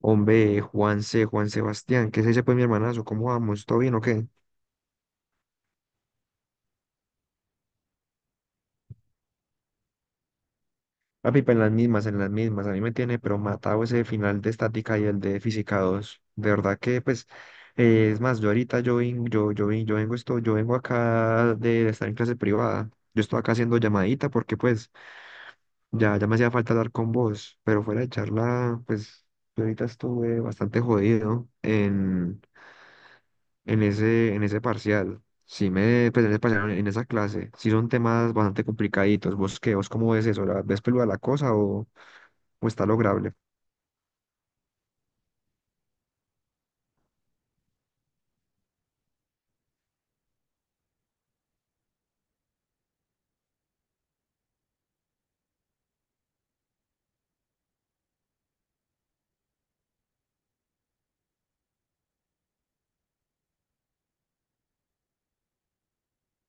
Hombre, Juanse, Juan Sebastián, ¿qué se dice pues mi hermanazo? ¿Cómo vamos? ¿Todo bien o qué? Papi, pues en las mismas, en las mismas. A mí me tiene pero matado ese final de estática y el de física 2. De verdad que pues, es más, yo ahorita yo, vin- yo vengo esto, yo vengo acá de estar en clase privada. Yo estoy acá haciendo llamadita porque pues ya me hacía falta hablar con vos, pero fuera de charla, pues yo ahorita estuve bastante jodido en ese parcial. Pues, en ese parcial, en esa clase, sí son temas bastante complicaditos. ¿Vos qué? ¿Vos cómo ves eso? Ves peluda la cosa o, está lograble?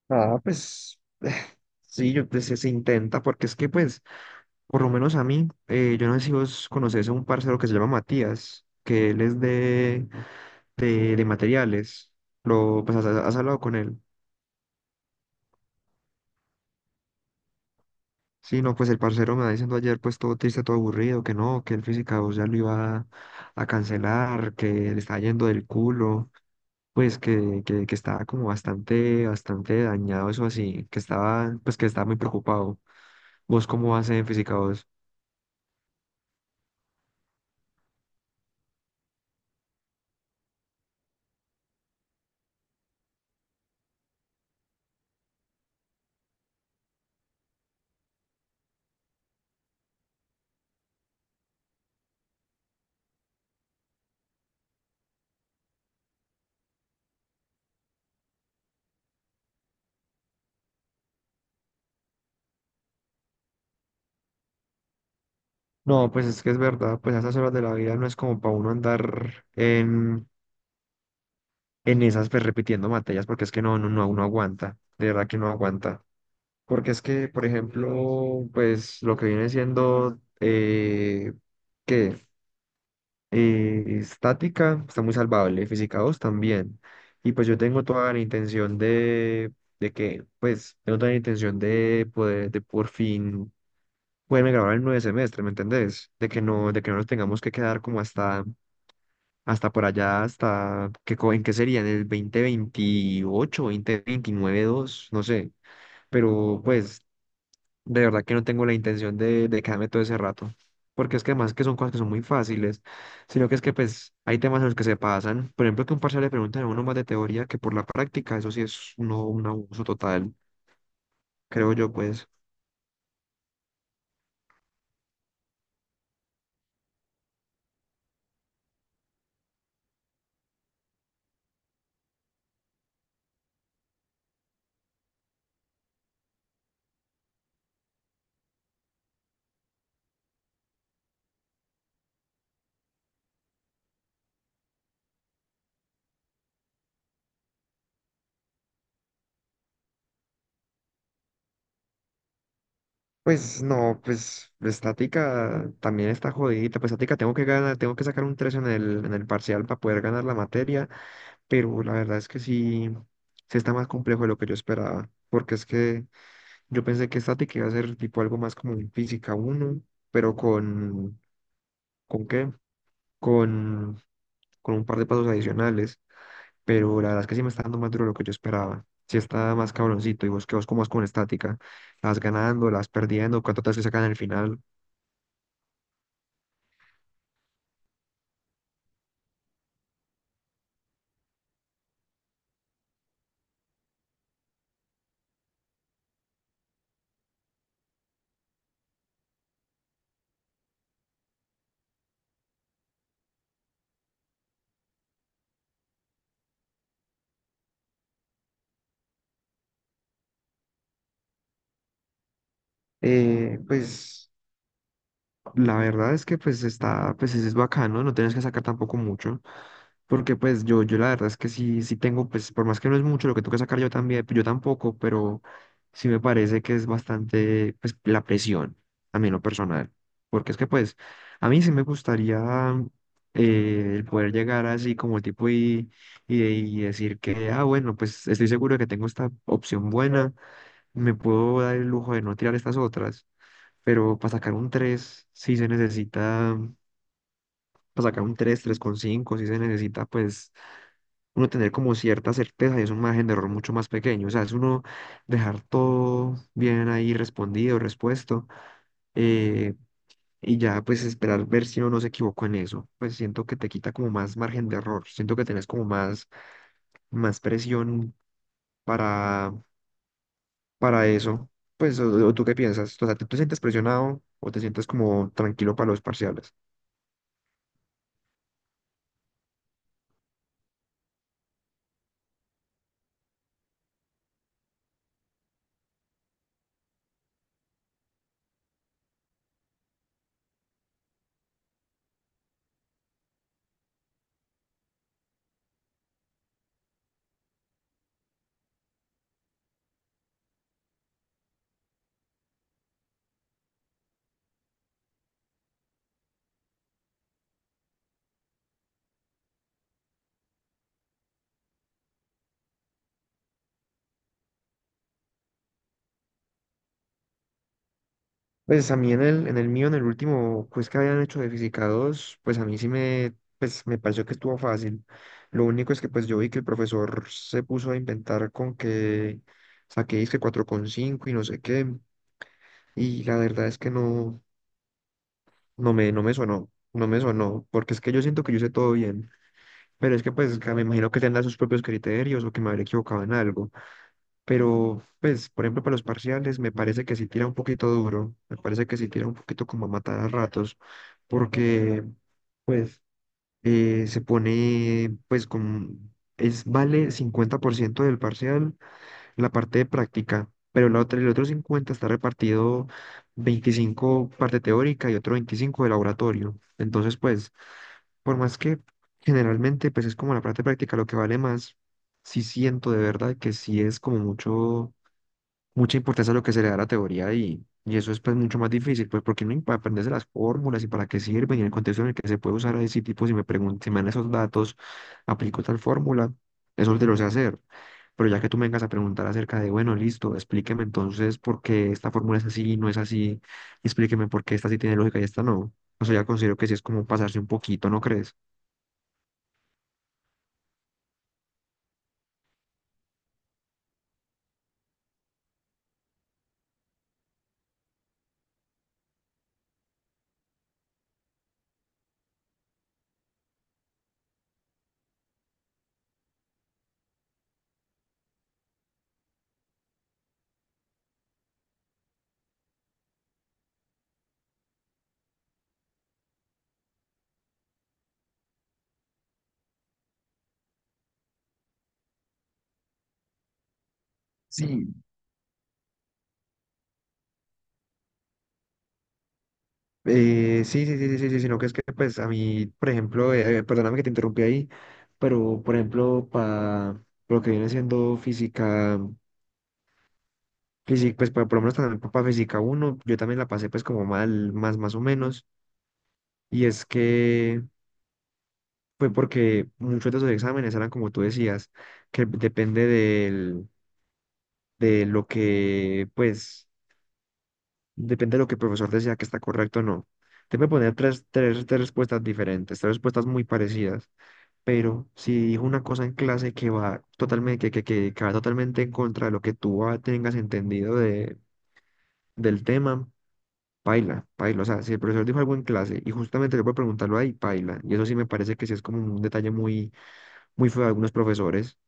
Ah, pues sí, pues, se intenta, porque es que pues, por lo menos a mí, yo no sé si vos conocés a un parcero que se llama Matías, que él es de materiales. Pues has hablado con él. Sí, no, pues el parcero me va diciendo ayer, pues todo triste, todo aburrido, que no, que el física 2 ya lo iba a cancelar, que le está yendo del culo, pues que estaba como bastante, bastante dañado, eso así, pues que estaba muy preocupado. ¿Vos cómo vas en física 2? No, pues es que es verdad, pues a esas horas de la vida no es como para uno andar en, pues repitiendo materias, porque es que no, no, no, uno aguanta, de verdad que no aguanta. Porque es que, por ejemplo, pues lo que viene siendo qué estática está muy salvable, física 2 también. Y pues yo tengo toda la intención de que, pues, tengo toda la intención de poder, de por fin poderme grabar el nueve semestre, ¿me entendés? De que no nos tengamos que quedar como hasta por allá, ¿en qué sería? En el 2028, veintinueve dos no sé pero pues de verdad que no tengo la intención de quedarme todo ese rato, porque es que además que son cosas que son muy fáciles, sino que es que pues hay temas en los que se pasan, por ejemplo que un parcial le preguntan a uno más de teoría que por la práctica, eso sí es un abuso total, creo yo pues. Pues no, pues estática también está jodidita, pues estática tengo que ganar, tengo que sacar un 3 en el parcial para poder ganar la materia, pero la verdad es que sí está más complejo de lo que yo esperaba, porque es que... Yo pensé que estática iba a ser tipo algo más como en física uno pero ¿con qué? Con, con un par de pasos adicionales. Pero la verdad es que sí me está dando más duro de lo que yo esperaba. Sí está más cabroncito. Y ¿vos como vas con estática? ¿Las ganando, las perdiendo, cuánto te que sacan al final? Pues. La verdad es que pues pues es bacano. No, no tienes que sacar tampoco mucho, porque pues yo la verdad es que sí tengo, pues por más que no es mucho lo que tengo que sacar yo también, yo tampoco, pero sí me parece que es bastante, pues la presión, a mí en lo personal, porque es que pues a mí sí me gustaría el poder llegar así como tipo y, y decir que, ah, bueno, pues estoy seguro de que tengo esta opción buena, me puedo dar el lujo de no tirar estas otras, pero para sacar un 3 sí se necesita, para sacar un 3, cinco sí se necesita, pues, uno tener como cierta certeza y es un margen de error mucho más pequeño. O sea, es uno dejar todo bien ahí respondido, respuesto, eh, y ya, pues, esperar ver si uno no se equivocó en eso. Pues siento que te quita como más margen de error, siento que tenés como más presión. para para eso? Pues, o ¿tú qué piensas? O sea, ¿tú te sientes presionado o te sientes como tranquilo para los parciales? Pues a mí en el mío, en el último quiz que habían hecho de Física 2, pues a mí sí me, pues me pareció que estuvo fácil. Lo único es que pues yo vi que el profesor se puso a inventar con que saqué disque 4,5 y no sé qué. Y la verdad es que no, no me sonó, porque es que yo siento que yo hice todo bien, pero es que pues que me imagino que tendrá sus propios criterios o que me habré equivocado en algo, pero pues por ejemplo para los parciales me parece que sí tira un poquito duro, me parece que sí tira un poquito como a matar a ratos, porque pues se pone pues es vale 50% del parcial la parte de práctica, pero la otra, el otro 50 está repartido 25 parte teórica y otro 25 de laboratorio. Entonces, pues, por más que generalmente, pues es como la parte práctica lo que vale más, sí siento de verdad que sí es como mucho mucha importancia a lo que se le da a la teoría y eso es pues mucho más difícil, pues porque no para aprenderse las fórmulas y para qué sirven y en el contexto en el que se puede usar a ese tipo, si me preguntan, si me dan esos datos, aplico tal fórmula, eso te lo sé hacer. Pero ya que tú me vengas a preguntar acerca de, bueno, listo, explíqueme entonces por qué esta fórmula es así y no es así, explíqueme por qué esta sí tiene lógica y esta no. O sea, ya considero que sí es como pasarse un poquito, ¿no crees? Sí, sí, sí, sí, sí, sí, sí, sino que es que, pues, a mí, por ejemplo, perdóname que te interrumpí ahí, pero, por ejemplo, para lo que viene siendo física, pues, por lo menos también para física uno yo también la pasé, pues, como mal, más o menos, y es que fue porque muchos de esos exámenes eran, como tú decías, que de lo que, pues, depende de lo que el profesor decía que está correcto o no. Te voy a poner tres respuestas diferentes, tres respuestas muy parecidas, pero si dijo una cosa en clase que va totalmente, que va totalmente en contra de lo que tú tengas entendido del tema, paila, paila. O sea, si el profesor dijo algo en clase y justamente yo puedo preguntarlo ahí, paila. Y eso sí me parece que sí es como un detalle muy, muy feo de algunos profesores.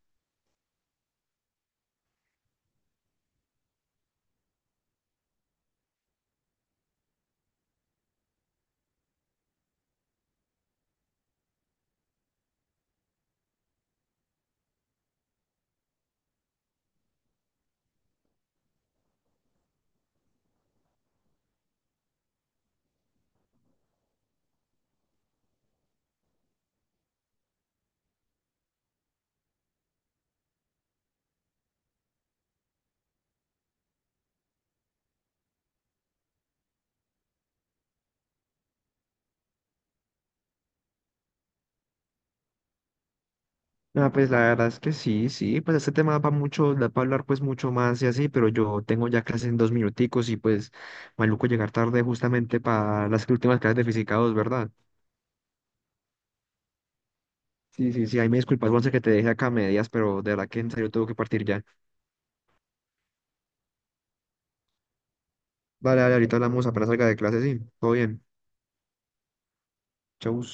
Ah, pues la verdad es que sí, sí, pues este tema va mucho, da para hablar pues mucho más y así, pero yo tengo ya clases en dos minuticos y pues maluco llegar tarde justamente para las últimas clases de física 2, ¿verdad? Sí, sí, sí, ahí me disculpas, Juanse, que te dejé acá a medias, pero de verdad que en serio tengo que partir ya. Vale, vale, ahorita hablamos apenas salga de clase, sí. Todo bien. Chau.